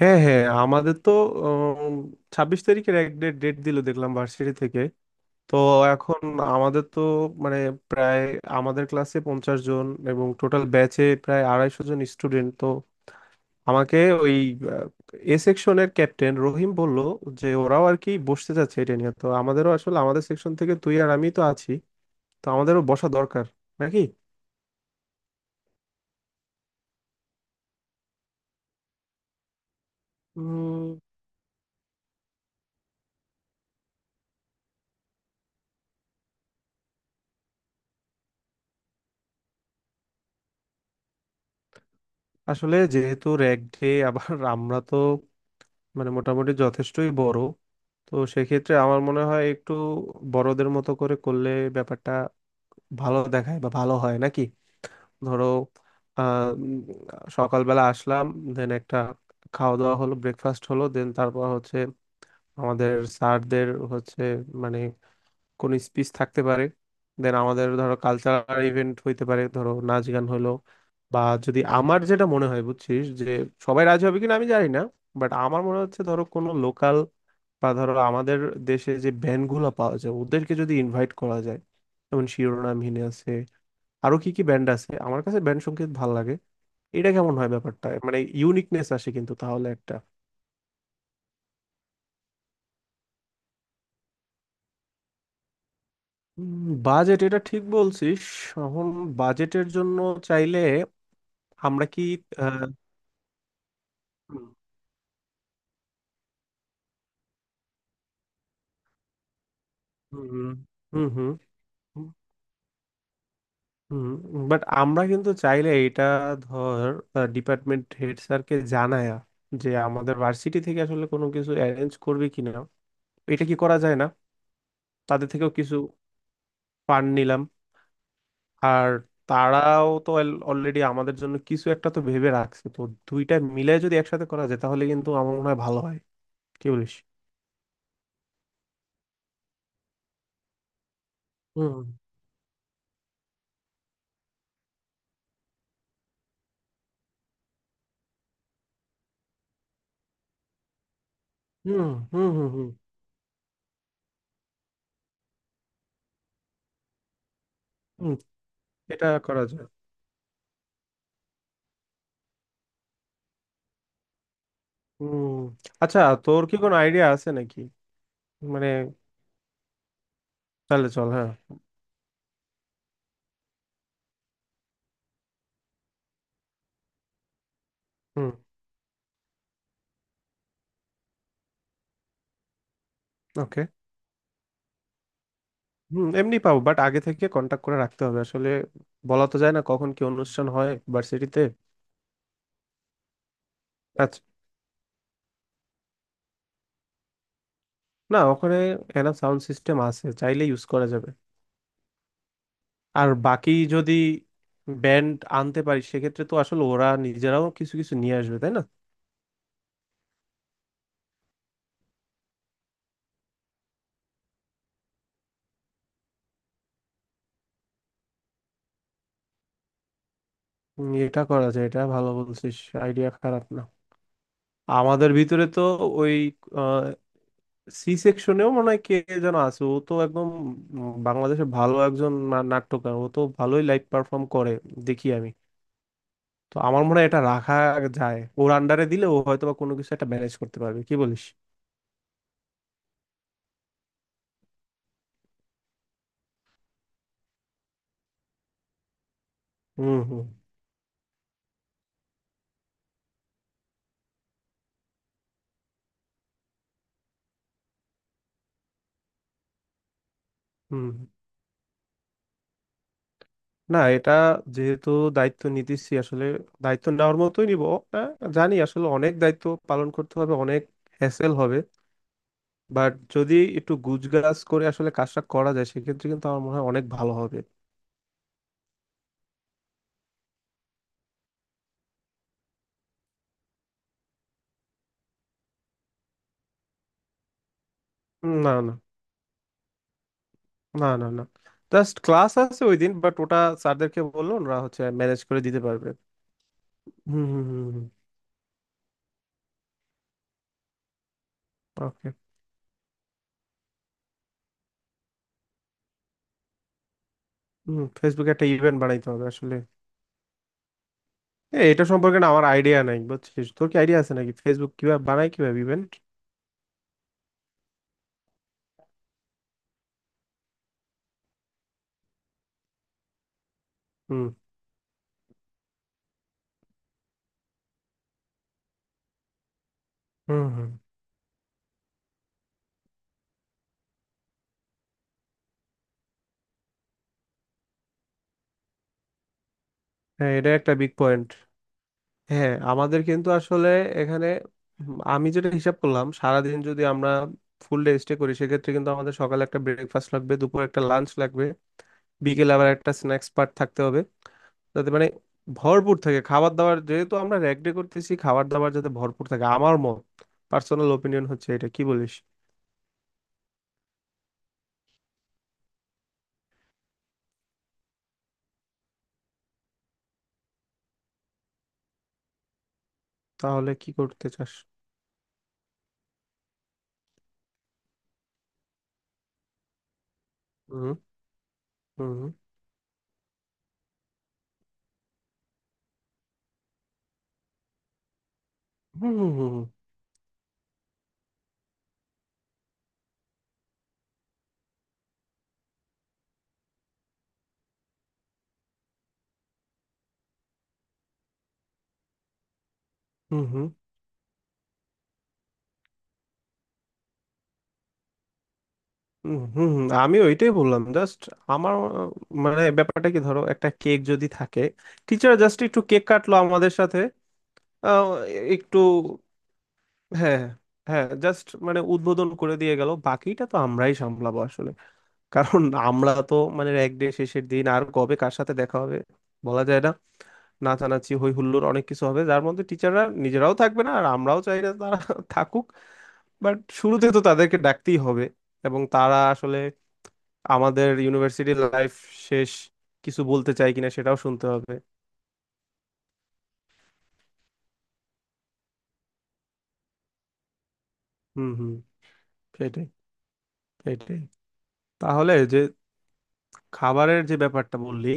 হ্যাঁ হ্যাঁ আমাদের তো 26 তারিখের এক ডেট ডেট দিল দেখলাম ভার্সিটি থেকে। তো এখন আমাদের তো মানে প্রায়, আমাদের ক্লাসে 50 জন এবং টোটাল ব্যাচে প্রায় 250 জন স্টুডেন্ট। তো আমাকে ওই এ সেকশনের ক্যাপ্টেন রহিম বলল যে ওরাও আর কি বসতে যাচ্ছে এটা নিয়ে, তো আমাদেরও আসলে, আমাদের সেকশন থেকে তুই আর আমি তো আছি, তো আমাদেরও বসা দরকার নাকি। উম, আসলে যেহেতু র্যাগ ডে, আবার আমরা তো মানে মোটামুটি যথেষ্টই বড়, তো সেক্ষেত্রে আমার মনে হয় একটু বড়দের মতো করে করলে ব্যাপারটা ভালো দেখায় বা ভালো হয় নাকি। ধরো আহ, উম, সকালবেলা আসলাম, দেন একটা খাওয়া দাওয়া হলো, ব্রেকফাস্ট হলো, দেন তারপর হচ্ছে আমাদের স্যারদের হচ্ছে মানে কোন স্পিচ থাকতে পারে, দেন আমাদের ধরো কালচারাল ইভেন্ট হইতে পারে, ধরো নাচ গান হলো। বা, যদি আমার যেটা মনে হয় বুঝছিস, যে সবাই রাজি হবে কিনা আমি জানি না, বাট আমার মনে হচ্ছে ধরো কোনো লোকাল বা ধরো আমাদের দেশে যে ব্যান্ড গুলো পাওয়া যায় ওদেরকে যদি ইনভাইট করা যায়, যেমন শিরোনামহীন আছে, আরো কি কি ব্যান্ড আছে, আমার কাছে ব্যান্ড সংগীত ভাল লাগে। এটা কেমন হয় ব্যাপারটা, মানে ইউনিকনেস আসে কিন্তু তাহলে একটা। বাজেট, এটা ঠিক বলছিস। এখন বাজেটের জন্য চাইলে আমরা কি, আহ, হুম হুম হুম হুম। বাট আমরা কিন্তু চাইলে এটা, ধর, ডিপার্টমেন্ট হেড স্যারকে জানায়া যে আমাদের ভার্সিটি থেকে আসলে কোনো কিছু অ্যারেঞ্জ করবে কিনা, এটা কি করা যায় না? তাদের থেকেও কিছু ফান্ড নিলাম। আর, তারাও তো অলরেডি আমাদের জন্য কিছু একটা তো ভেবে রাখছে, তো দুইটা মিলে যদি একসাথে করা যায় তাহলে কিন্তু আমার মনে হয় ভালো হয়, কি বলিস? হুম হুম হুম হুম হুম হুম, এটা করা যায়। হুম। আচ্ছা। তোর কি কোনো আইডিয়া আছে নাকি? মানে, তাহলে চল হ্যাঁ। হুম। ওকে। হুম এমনি পাবো, বাট আগে থেকে কন্টাক্ট করে রাখতে হবে আসলে, বলা তো যায় না কখন কি অনুষ্ঠান হয় ভার্সিটিতে। না, ওখানে এনা সাউন্ড সিস্টেম আছে, চাইলে ইউজ করা যাবে। আর বাকি যদি ব্যান্ড আনতে পারি সেক্ষেত্রে তো আসলে ওরা নিজেরাও কিছু কিছু নিয়ে আসবে, তাই না? এটা করা যায়, এটা ভালো বলছিস, আইডিয়া খারাপ না। আমাদের ভিতরে তো ওই সি সেকশনেও মনে হয় কে যেন আছে, ও তো একদম বাংলাদেশের ভালো একজন নাট্যকার, ও তো ভালোই লাইভ পারফর্ম করে, দেখি আমি। তো আমার মনে হয় এটা রাখা যায়, ওর আন্ডারে দিলে ও হয়তো বা কোনো কিছু একটা ম্যানেজ করতে পারবে, কি বলিস? হুম হুম হুম। না, এটা যেহেতু দায়িত্ব নিতেছি আসলে, দায়িত্ব নেওয়ার মতোই নিব। আহ, জানি আসলে অনেক দায়িত্ব পালন করতে হবে, অনেক হ্যাসেল হবে, বাট যদি একটু গুজগাজ করে আসলে কাজটা করা যায় সেক্ষেত্রে কিন্তু আমার মনে হয় অনেক ভালো হবে। না না না, না না, জাস্ট ক্লাস আছে ওই দিন, বাট ওটা স্যারদেরকে বললো ওরা হচ্ছে ম্যানেজ করে দিতে পারবে। হুম হুম হুম। ওকে। হুম, ফেসবুকে একটা ইভেন্ট বানাইতে হবে আসলে। এটা সম্পর্কে না আমার আইডিয়া নাই বুঝছিস, তোর কি আইডিয়া আছে নাকি ফেসবুক কিভাবে বানায় কিভাবে ইভেন্ট? হুম হুম হুম। হ্যাঁ এটা একটা বিগ পয়েন্ট। হ্যাঁ আমাদের কিন্তু আসলে এখানে, উম, আমি যেটা হিসাব করলাম সারাদিন যদি আমরা ফুল ডে স্টে করি সেক্ষেত্রে কিন্তু আমাদের সকালে একটা ব্রেকফাস্ট লাগবে, দুপুরে একটা লাঞ্চ লাগবে, বিকেলে আবার একটা স্ন্যাক্স পার্ট থাকতে হবে যাতে মানে ভরপুর থাকে খাবার দাবার, যেহেতু আমরা র্যাগ ডে করতেছি খাবার দাবার যাতে ভরপুর থাকে, আমার মত পার্সোনাল ওপিনিয়ন হচ্ছে এটা, কি বলিস? তাহলে কি করতে চাস? হুম হুম হুম হুম হুম হুম হুম হুম হুম হুম হুম, আমি ওইটাই বললাম জাস্ট। আমার, আহ, মানে ব্যাপারটা কি, ধরো একটা কেক যদি থাকে, টিচার জাস্ট একটু কেক কাটলো আমাদের সাথে। আহ, একটু হ্যাঁ হ্যাঁ, জাস্ট মানে উদ্বোধন করে দিয়ে গেল, বাকিটা তো আমরাই সামলাবো আসলে। কারণ আমরা তো মানে এক ডে শেষের দিন, আর কবে কার সাথে দেখা হবে বলা যায় না, নাচানাচি হই হুল্লোড় অনেক কিছু হবে যার মধ্যে টিচাররা নিজেরাও থাকবে না, আর আমরাও চাই না তারা থাকুক। বাট শুরুতে তো তাদেরকে ডাকতেই হবে, এবং তারা আসলে আমাদের ইউনিভার্সিটি লাইফ শেষ কিছু বলতে চাই কিনা সেটাও শুনতে হবে। হুম হুম। সেটাই, সেটাই। তাহলে যে খাবারের যে ব্যাপারটা বললি,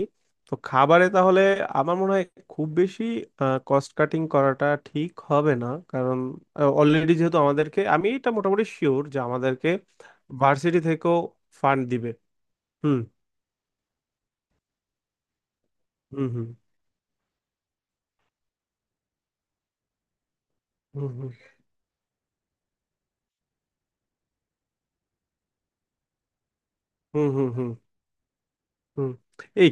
তো খাবারে তাহলে আমার মনে হয় খুব বেশি কস্ট কাটিং করাটা ঠিক হবে না, কারণ অলরেডি যেহেতু আমাদেরকে, আমি এটা মোটামুটি শিওর যে আমাদেরকে ভার্সিটি থেকেও ফান্ড দিবে। হুম হুম হুম হুম হুম হুম হুম হুম হুম। এই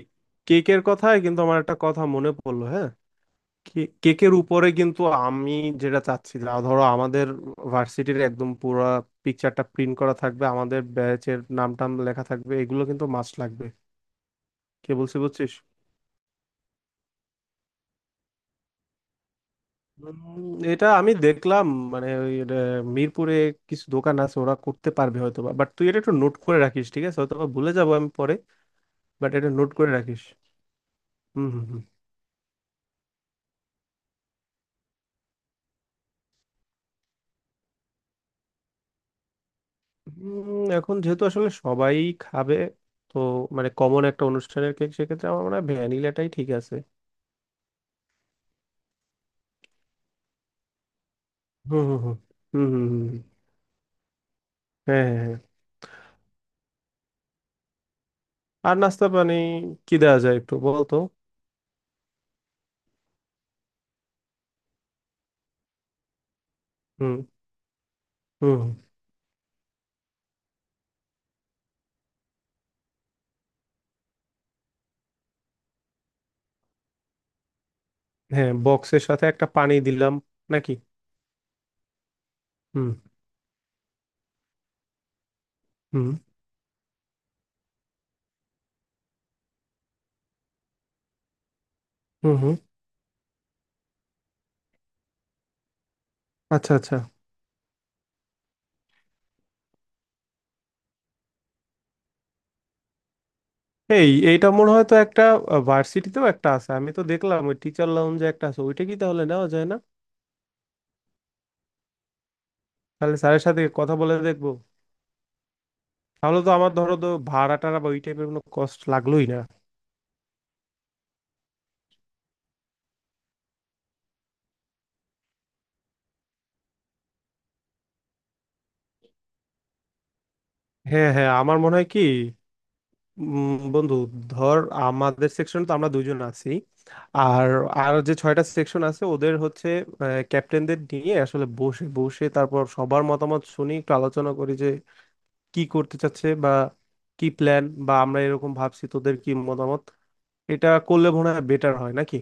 কেকের কথায় কিন্তু আমার একটা কথা মনে পড়লো, হ্যাঁ, কেকের উপরে কিন্তু আমি যেটা চাচ্ছি যা ধরো আমাদের ভার্সিটির একদম পুরো পিকচারটা প্রিন্ট করা থাকবে, আমাদের ব্যাচের নাম টাম লেখা থাকবে, এগুলো কিন্তু মাস্ট লাগবে, কে বলছি বুঝছিস? উম, এটা আমি দেখলাম, মানে ওই মিরপুরে কিছু দোকান আছে ওরা করতে পারবে হয়তো বা, বাট তুই এটা একটু নোট করে রাখিস ঠিক আছে, হয়তো বা ভুলে যাবো আমি পরে। বাট এটা নোট করে রাখিস। হুম হুম হুম। এখন যেহেতু আসলে সবাই খাবে, তো মানে কমন একটা অনুষ্ঠানের কেক, সেক্ষেত্রে আমার মনে হয় ভ্যানিলাটাই ঠিক আছে। হুম হুম হুম হুম হুম হুম, হুম। হ্যাঁ হ্যাঁ হ্যাঁ। আর নাস্তা পানি কি দেওয়া যায় একটু বলতো। হুম হুম হুম। হ্যাঁ বক্সের সাথে একটা পানি দিলাম নাকি? হুম হুম হুম হুম। আচ্ছা আচ্ছা। এই এইটা মনে হয় তো একটা, ভার্সিটিতেও একটা আছে, আমি তো দেখলাম ওই টিচার লাউঞ্জে একটা আছে, ওইটা কি তাহলে নেওয়া যায় না? তাহলে স্যারের সাথে কথা বলে দেখবো। তাহলে তো আমার ধরো তো ভাড়া টাড়া বা ওই টাইপের কোনো কষ্ট লাগলোই না। হ্যাঁ হ্যাঁ আমার মনে হয় কি, বন্ধু ধর আমাদের সেকশন তো আমরা দুজন আছি, আর, আর যে ছয়টা সেকশন আছে ওদের হচ্ছে ক্যাপ্টেনদের নিয়ে আসলে বসে বসে তারপর সবার মতামত শুনি একটু আলোচনা করি যে কি করতে চাচ্ছে বা কি প্ল্যান, বা আমরা এরকম ভাবছি তোদের কি মতামত, এটা করলে মনে হয় বেটার হয় নাকি?